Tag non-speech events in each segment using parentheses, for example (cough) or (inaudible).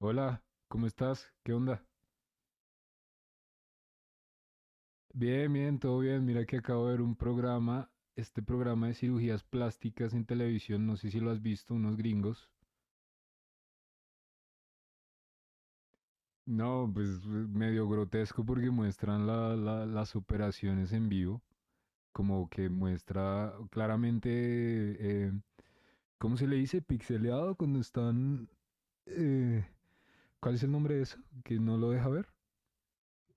Hola, ¿cómo estás? ¿Qué onda? Bien, bien, todo bien. Mira que acabo de ver un programa, este programa de cirugías plásticas en televisión, no sé si lo has visto, unos gringos. No, pues, medio grotesco porque muestran las operaciones en vivo, como que muestra claramente, eh, ¿cómo se le dice? Pixeleado cuando están... eh, ¿cuál es el nombre de eso? Que no lo deja ver.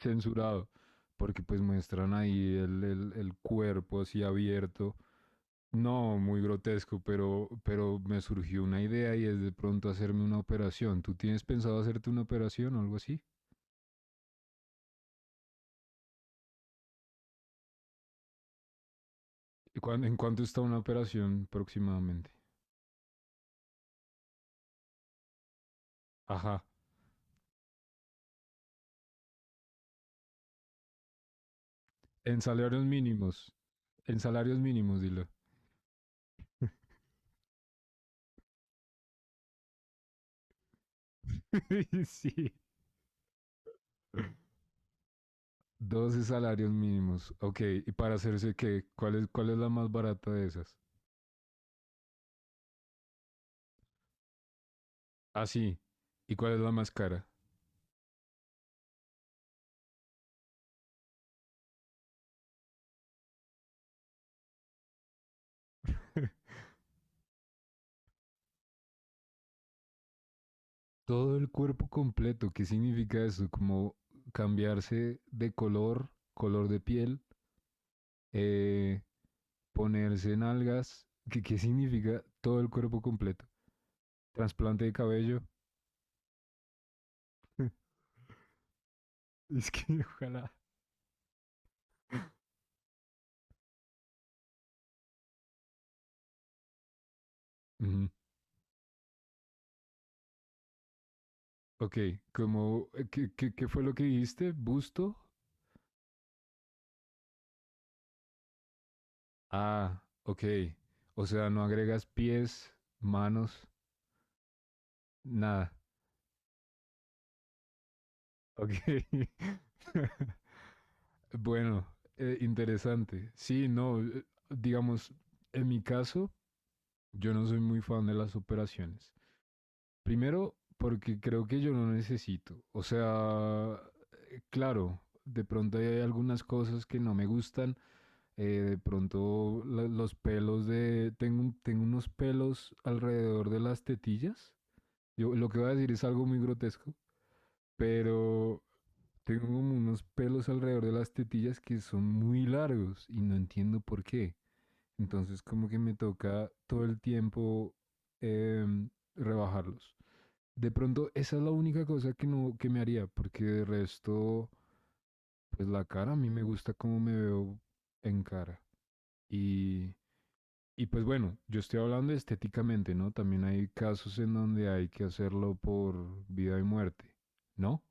Censurado, porque pues muestran ahí el cuerpo así abierto. No, muy grotesco, pero me surgió una idea y es de pronto hacerme una operación. ¿Tú tienes pensado hacerte una operación o algo así? ¿Y en cuánto está una operación aproximadamente? Ajá. En salarios mínimos. En salarios mínimos, dilo. (laughs) Sí. 12 salarios mínimos. Ok, ¿y para hacerse qué? ¿Cuál es la más barata de esas? Ah, sí. ¿Y cuál es la más cara? Todo el cuerpo completo, ¿qué significa eso? Como cambiarse de color, color de piel, eh, ponerse nalgas, ¿qué significa todo el cuerpo completo? Trasplante de cabello. (laughs) Es que ojalá. Ujú. Ok, como, ¿qué fue lo que dijiste? ¿Busto? Ah, ok. O sea, no agregas pies, manos, nada. Ok. (laughs) Bueno, interesante. Sí, no, digamos, en mi caso, yo no soy muy fan de las operaciones. Primero, porque creo que yo no necesito. O sea, claro, de pronto hay algunas cosas que no me gustan. De pronto los pelos de... tengo unos pelos alrededor de las tetillas. Yo, lo que voy a decir es algo muy grotesco, pero. Tengo como unos pelos alrededor de las tetillas que son muy largos y no entiendo por qué. Entonces como que me toca todo el tiempo em, rebajarlos. De pronto esa es la única cosa que no que me haría, porque de resto, pues la cara a mí me gusta cómo me veo en cara. Y, y pues bueno, yo estoy hablando estéticamente, ¿no? También hay casos en donde hay que hacerlo por vida y muerte, ¿no?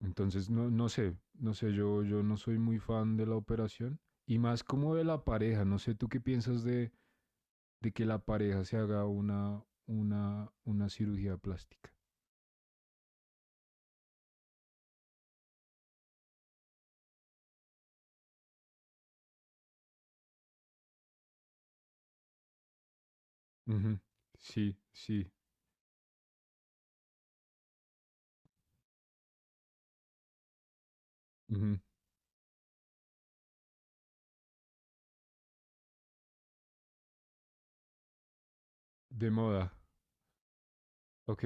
Entonces, no, yo no soy muy fan de la operación y más como de la pareja. No sé, ¿tú qué piensas de que la pareja se haga una cirugía plástica? Ujú, sí, sí. Ujú, de moda. Ok.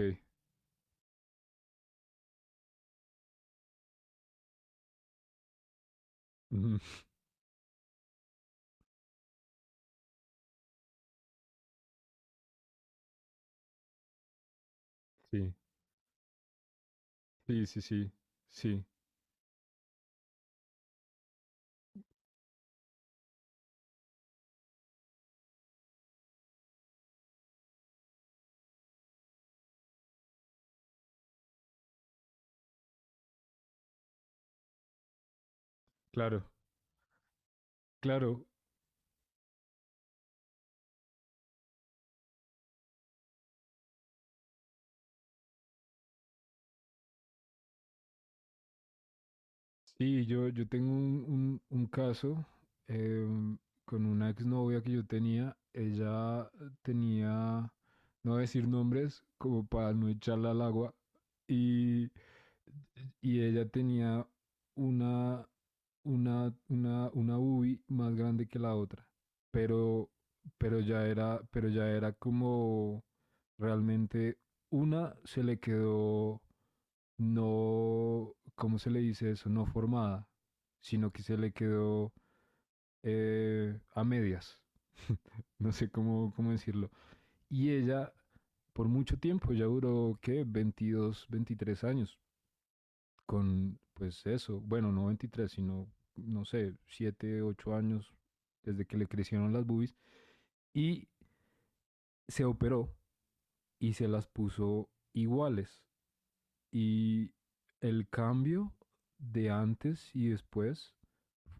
Ujú, sí, sí, sí, sí. Sí, claro. Claro, sí, yo tengo un caso, em, con una exnovia que yo tenía. Ella tenía, no voy a decir nombres, como para no echarla al agua. Y, y ella tenía una, una UBI más grande que la otra, pero, pero ya era como realmente una se le quedó no, ¿cómo se le dice eso? No formada, sino que se le quedó a medias. (laughs) No sé cómo, decirlo. Y ella, por mucho tiempo, ya duró, ¿qué? 22 23 años con, pues eso, bueno, no 23 sino, no sé, 7 8 años desde que le crecieron las boobies y se operó y se las puso iguales. Y el cambio de antes y después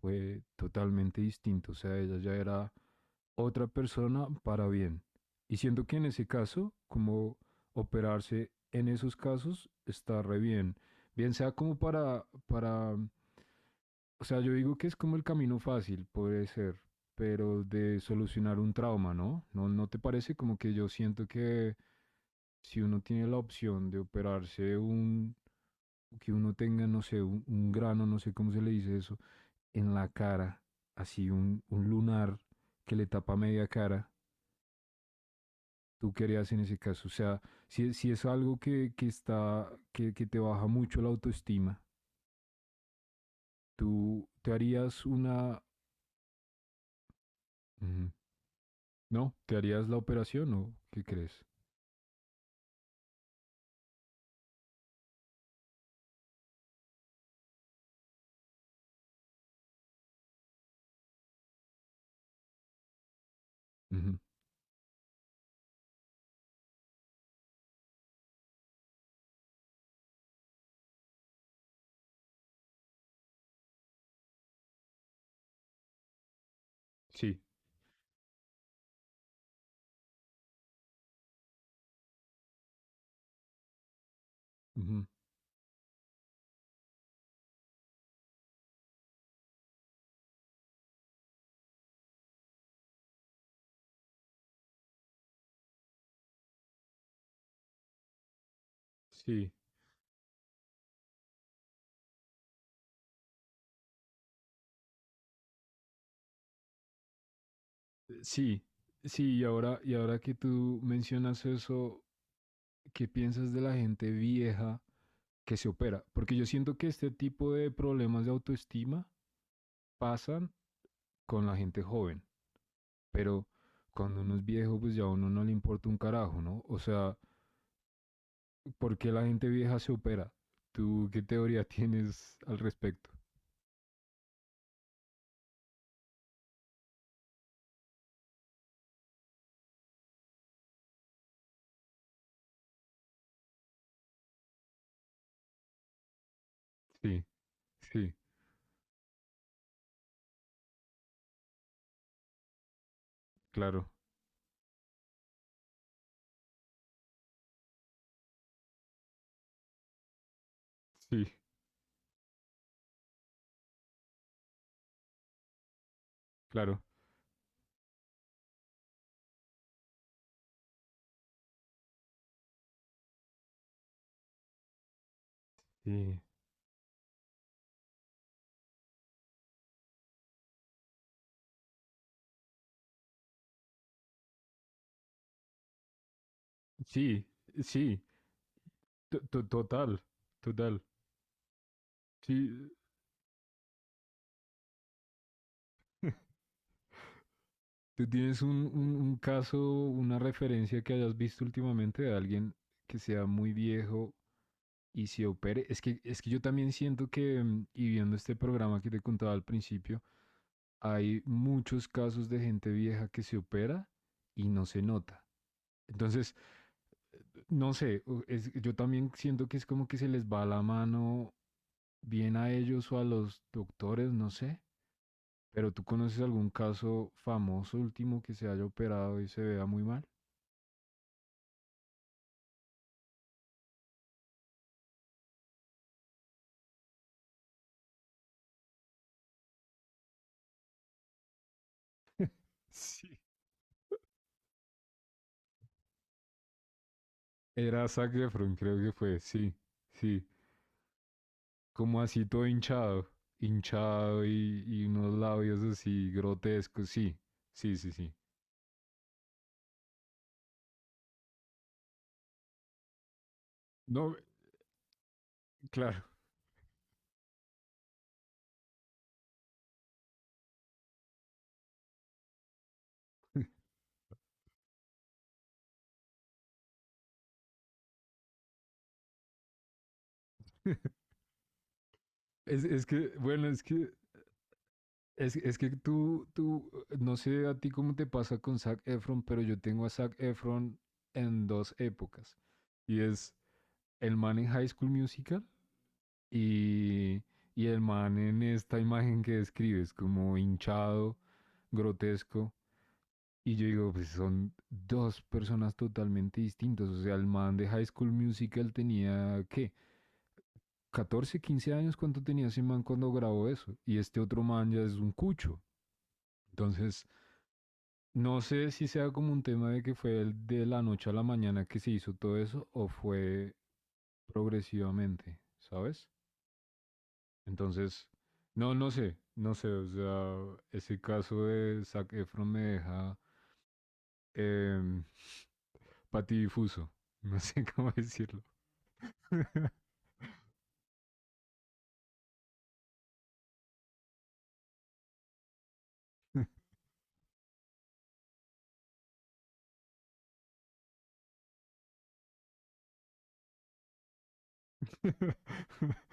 fue totalmente distinto. O sea, ella ya era otra persona para bien. Y siento que en ese caso, como operarse en esos casos, está re bien. Bien sea como para o sea, yo digo que es como el camino fácil, puede ser, pero de solucionar un trauma, ¿no? ¿No te parece como que yo siento que si uno tiene la opción de operarse un, que uno tenga, no sé, un grano, no sé cómo se le dice eso, en la cara, así un lunar que le tapa media cara, tú querías en ese caso? O sea, si es algo que te baja mucho la autoestima, tú te harías una, mm, ¿no? ¿Te harías la operación o qué crees? Ujú, sí, ujú, sí, sí, sí. Y ahora que tú mencionas eso, ¿qué piensas de la gente vieja que se opera? Porque yo siento que este tipo de problemas de autoestima pasan con la gente joven, pero cuando uno es viejo, pues ya a uno no le importa un carajo, ¿no? O sea, ¿por qué la gente vieja se opera? ¿Tú qué teoría (laughs) tienes al respecto? Sí, sí, claro, sí, claro. Sí, sí, sí, total, total. Sí, (laughs) tú tienes un caso, una referencia que hayas visto últimamente de alguien que sea muy viejo y se opere. Es que yo también siento que, y viendo este programa que te contaba al principio, hay muchos casos de gente vieja que se opera y no se nota. Entonces, no sé, yo también siento que es como que se les va la mano bien a ellos o a los doctores, no sé. Pero ¿tú conoces algún caso famoso último que se haya operado y se vea muy mal? Sí. Era Zac Efron, creo que fue, sí, sí. Como así todo hinchado, hinchado y unos labios así grotescos, sí, sí, sí, sí. No, claro, es que, bueno, es que tú, no sé a ti cómo te pasa con Zac Efron, pero yo tengo a Zac Efron en dos épocas. Y es el man en High School Musical. Y, y el man en esta imagen que describes, como hinchado, grotesco, y yo digo, pues son dos personas totalmente distintas. O sea, el man de High School Musical tenía, ¿qué? 14 15 años, ¿cuánto tenía ese man cuando grabó eso? Y este otro man ya es un cucho. Entonces, no sé si sea como un tema de que fue el de la noche a la mañana que se hizo todo eso o fue progresivamente, ¿sabes? Entonces, no, o sea, ese caso de Zac Efron me deja, em, patidifuso, (laughs) no sé cómo decirlo. (laughs)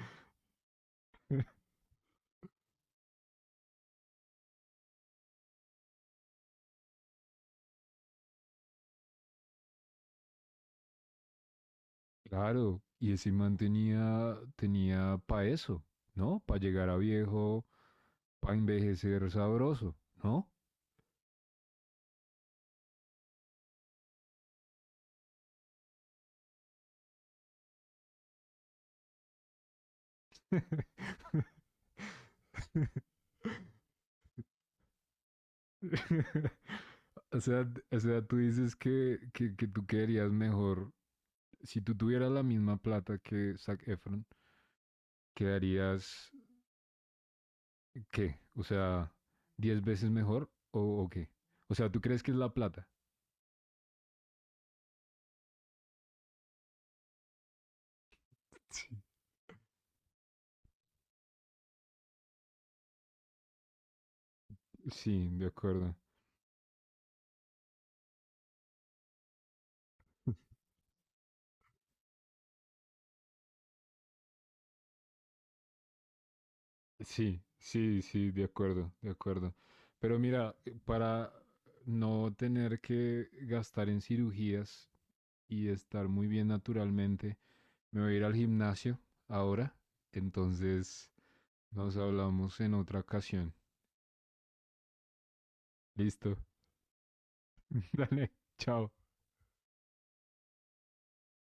Claro, y ese man tenía, para eso, ¿no? Para llegar a viejo, para envejecer sabroso, ¿no? (laughs) O sea, o sea, tú dices que, tú quedarías mejor, si tú tuvieras la misma plata que Zac Efron, quedarías ¿qué? O sea, 10 veces mejor o qué? O sea, ¿tú crees que es la plata? Sí. Sí, de acuerdo. Sí, sí, sí, de acuerdo, de acuerdo. Pero mira, para no tener que gastar en cirugías y estar muy bien naturalmente, me voy a ir al gimnasio ahora. Entonces, nos hablamos en otra ocasión. Listo. (laughs) Dale, chao.